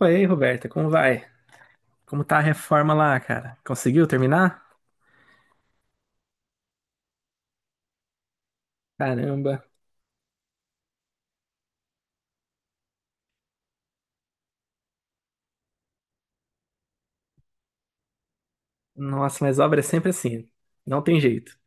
Oi, Roberta, como vai? Como tá a reforma lá, cara? Conseguiu terminar? Caramba. Nossa, mas obra é sempre assim. Não tem jeito.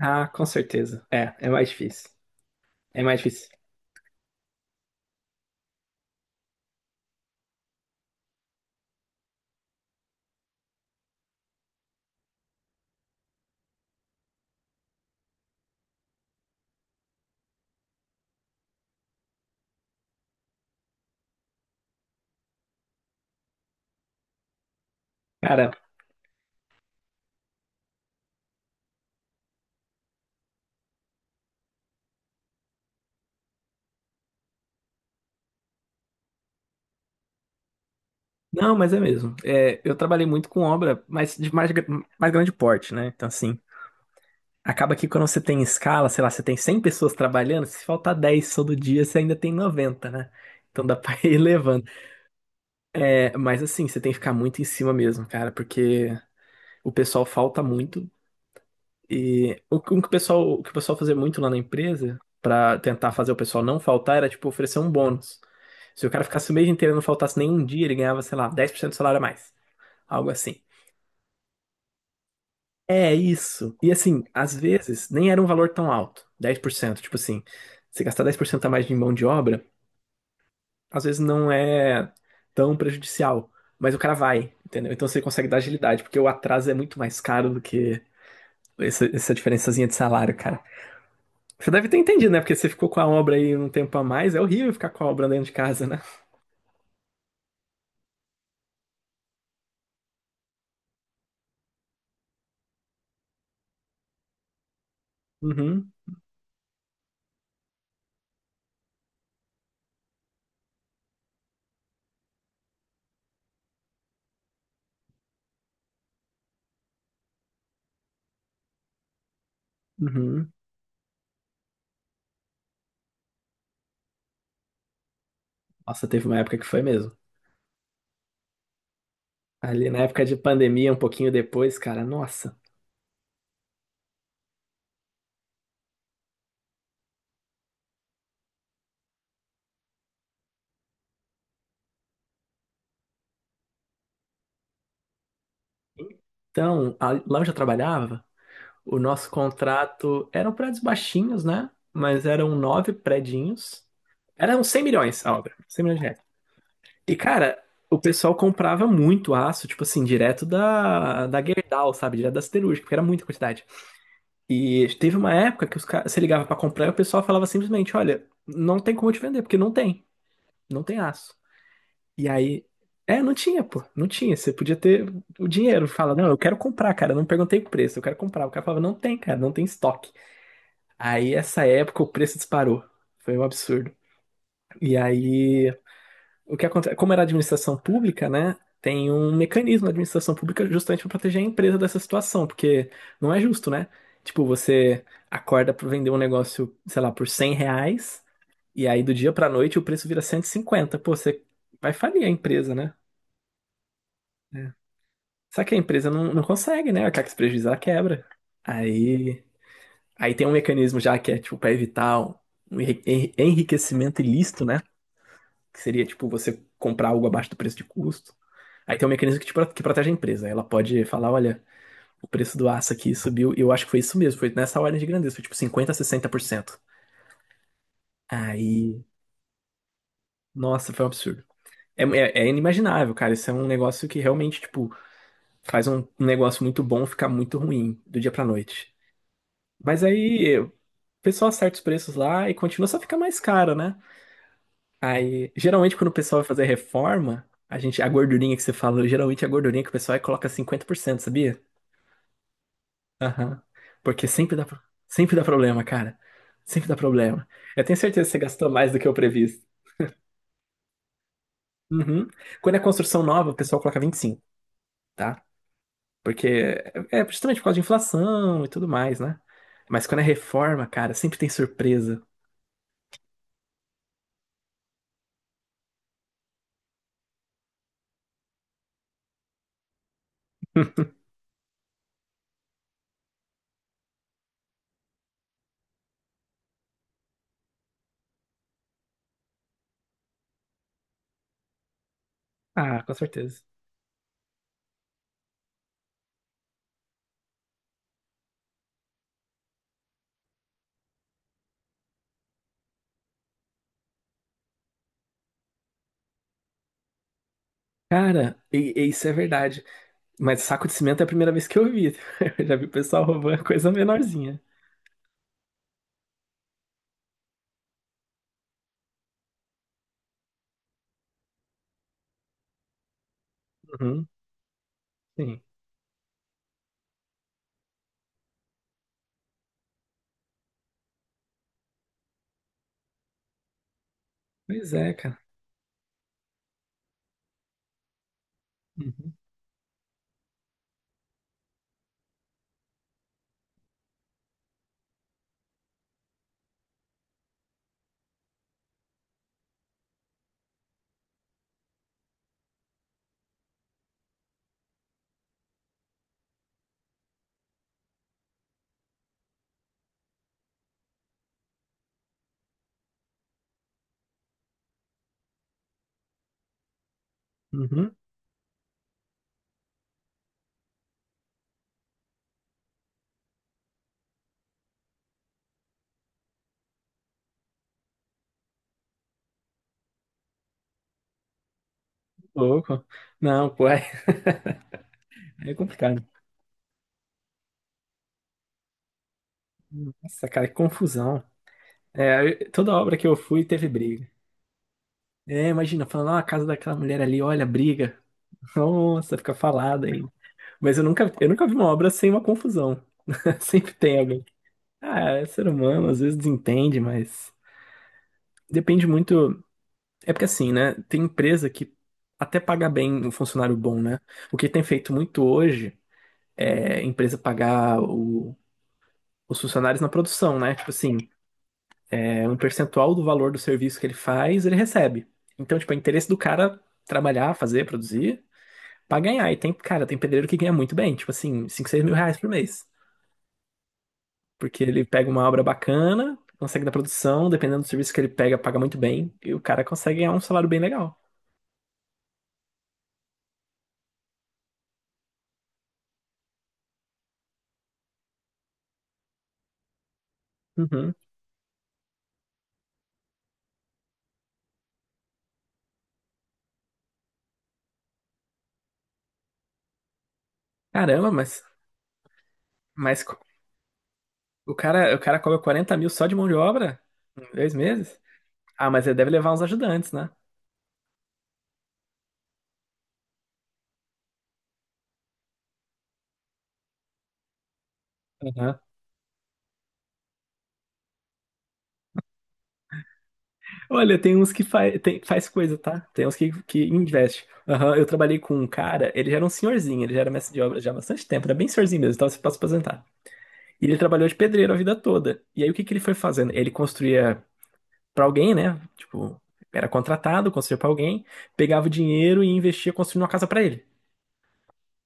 Ah, com certeza. É, é mais difícil. É mais difícil. Cara, não, mas é mesmo. É, eu trabalhei muito com obra, mas de mais, mais grande porte, né? Então, assim, acaba que quando você tem escala, sei lá, você tem 100 pessoas trabalhando, se faltar 10 todo dia, você ainda tem 90, né? Então dá pra ir levando. É, mas assim, você tem que ficar muito em cima mesmo, cara, porque o pessoal falta muito. E o que o pessoal, o que o pessoal fazia muito lá na empresa, pra tentar fazer o pessoal não faltar, era tipo oferecer um bônus. Se o cara ficasse o mês inteiro e não faltasse nenhum dia, ele ganhava, sei lá, 10% do salário a mais. Algo assim. É isso. E assim, às vezes nem era um valor tão alto, 10%. Tipo assim, você gastar 10% a mais de mão de obra, às vezes não é tão prejudicial. Mas o cara vai, entendeu? Então você consegue dar agilidade, porque o atraso é muito mais caro do que essa diferençazinha de salário. Você deve ter entendido, né? Porque você ficou com a obra aí um tempo a mais. É horrível ficar com a obra dentro de casa, né? Uhum, uhum. Nossa, teve uma época que foi mesmo. Ali na época de pandemia, um pouquinho depois, cara, nossa. Então, lá onde eu trabalhava, o nosso contrato eram prédios baixinhos, né? Mas eram nove prédios. Eram 100 milhões a obra, 100 milhões de reais. E, cara, o pessoal comprava muito aço, tipo assim, direto da Gerdau, sabe? Direto da siderúrgica, porque era muita quantidade. E teve uma época que os caras, você ligava pra comprar e o pessoal falava simplesmente, olha, não tem como te vender, porque não tem aço. E aí, é, não tinha, pô, não tinha. Você podia ter o dinheiro, fala, não, eu quero comprar, cara, não perguntei o preço, eu quero comprar. O cara falava, não tem, cara, não tem estoque. Aí essa época o preço disparou. Foi um absurdo. E aí o que acontece, como era administração pública, né? Tem um mecanismo na administração pública justamente para proteger a empresa dessa situação, porque não é justo, né? Tipo, você acorda para vender um negócio, sei lá, por 100 reais, e aí do dia para noite o preço vira 150. Pô, você vai falir a empresa, né? É. Só que a empresa não consegue, né? Acaba que se prejuízo, quebra. Aí, aí, tem um mecanismo já que é, tipo, para evitar um enriquecimento ilícito, né? Que seria, tipo, você comprar algo abaixo do preço de custo. Aí tem um mecanismo que, que protege a empresa. Ela pode falar, olha, o preço do aço aqui subiu. E eu acho que foi isso mesmo, foi nessa ordem de grandeza, foi tipo 50 a 60%. Aí, nossa, foi um absurdo. É, é inimaginável, cara. Isso é um negócio que realmente, tipo, faz um negócio muito bom ficar muito ruim do dia pra noite. Mas aí o pessoal acerta os preços lá e continua, só fica mais caro, né? Aí, geralmente, quando o pessoal vai fazer reforma, a gente, a gordurinha que você falou, geralmente é a gordurinha que o pessoal aí coloca 50%, sabia? Aham. Porque sempre dá problema, cara. Sempre dá problema. Eu tenho certeza que você gastou mais do que o previsto. Uhum. Quando é construção nova, o pessoal coloca 25, tá? Porque é justamente por causa de inflação e tudo mais, né? Mas quando é reforma, cara, sempre tem surpresa. Ah, com certeza. Cara, e isso é verdade. Mas saco de cimento é a primeira vez que eu vi. Eu já vi o pessoal roubando coisa menorzinha. Uhum, sim. Pois é, cara. Uhum. Uhum. Louco. Não, pô, é complicado. Nossa, cara, que confusão. É, toda obra que eu fui teve briga. É, imagina, falando, ah, a casa daquela mulher ali, olha, briga. Nossa, fica falada aí. Mas eu nunca vi uma obra sem uma confusão. Sempre tem alguém. Ah, é ser humano, às vezes desentende, mas depende muito. É porque assim, né? Tem empresa que até paga bem um funcionário bom, né? O que tem feito muito hoje é a empresa pagar os funcionários na produção, né? Tipo assim. É um percentual do valor do serviço que ele faz, ele recebe. Então, tipo, é interesse do cara trabalhar, fazer, produzir, pra ganhar. E tem, cara, tem pedreiro que ganha muito bem, tipo assim, 5 6 mil reais por mês. Porque ele pega uma obra bacana, consegue da produção, dependendo do serviço que ele pega, paga muito bem, e o cara consegue ganhar um salário bem legal. Uhum. Caramba, mas o cara cobra 40 mil só de mão de obra em 2 meses? Ah, mas ele deve levar uns ajudantes, né? Olha, tem uns que faz, tem, faz coisa, tá? Tem uns que investe. Aham, eu trabalhei com um cara, ele já era um senhorzinho, ele já era mestre de obra já há bastante tempo, era bem senhorzinho mesmo, estava para se aposentar. E ele trabalhou de pedreiro a vida toda. E aí o que que ele foi fazendo? Ele construía para alguém, né? Tipo, era contratado, construía para alguém, pegava o dinheiro e investia construindo uma casa para ele.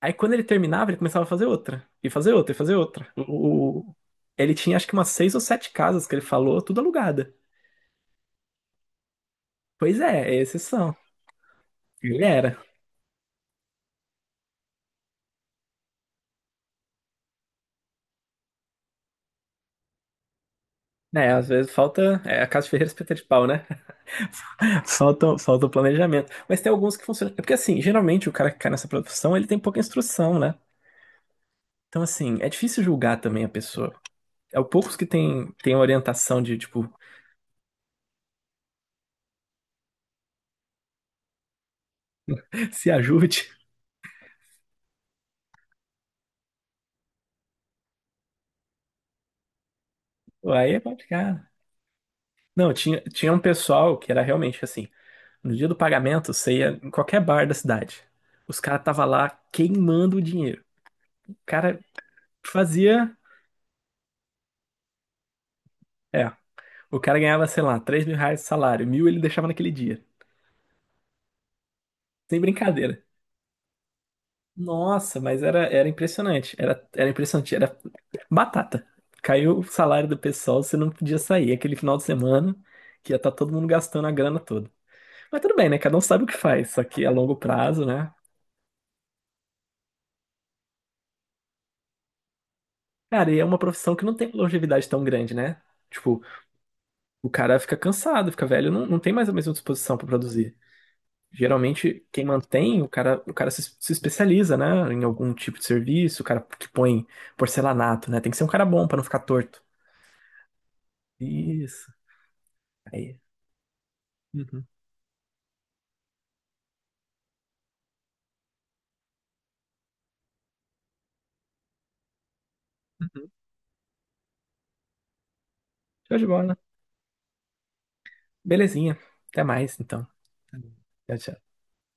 Aí quando ele terminava, ele começava a fazer outra, e fazer outra, e fazer outra. Ele tinha acho que umas seis ou sete casas que ele falou, tudo alugada. Pois é, esses são. Ele era. É, às vezes falta. É a casa de ferreiro é espeta de pau, né? Falta, falta o planejamento. Mas tem alguns que funcionam. É porque, assim, geralmente o cara que cai nessa profissão, ele tem pouca instrução, né? Então, assim, é difícil julgar também a pessoa. É o poucos que tem orientação de, tipo, se ajude. Aí é complicado. Não, tinha um pessoal que era realmente assim: no dia do pagamento, você ia em qualquer bar da cidade. Os caras estavam lá queimando o dinheiro. O cara fazia. É. O cara ganhava, sei lá, 3 mil reais de salário. Mil ele deixava naquele dia. Sem brincadeira. Nossa, mas era impressionante. Era impressionante. Era batata. Caiu o salário do pessoal, você não podia sair. Aquele final de semana que ia estar todo mundo gastando a grana toda. Mas tudo bem, né? Cada um sabe o que faz. Só que a longo prazo, né? Cara, e é uma profissão que não tem longevidade tão grande, né? Tipo, o cara fica cansado, fica velho, não tem mais a mesma disposição para produzir. Geralmente, quem mantém, o cara se especializa, né? Em algum tipo de serviço, o cara que põe porcelanato, né? Tem que ser um cara bom para não ficar torto. Isso. Aí. Uhum, uhum. Show de bola. Belezinha. Até mais, então. Uhum. Tchau, tchau.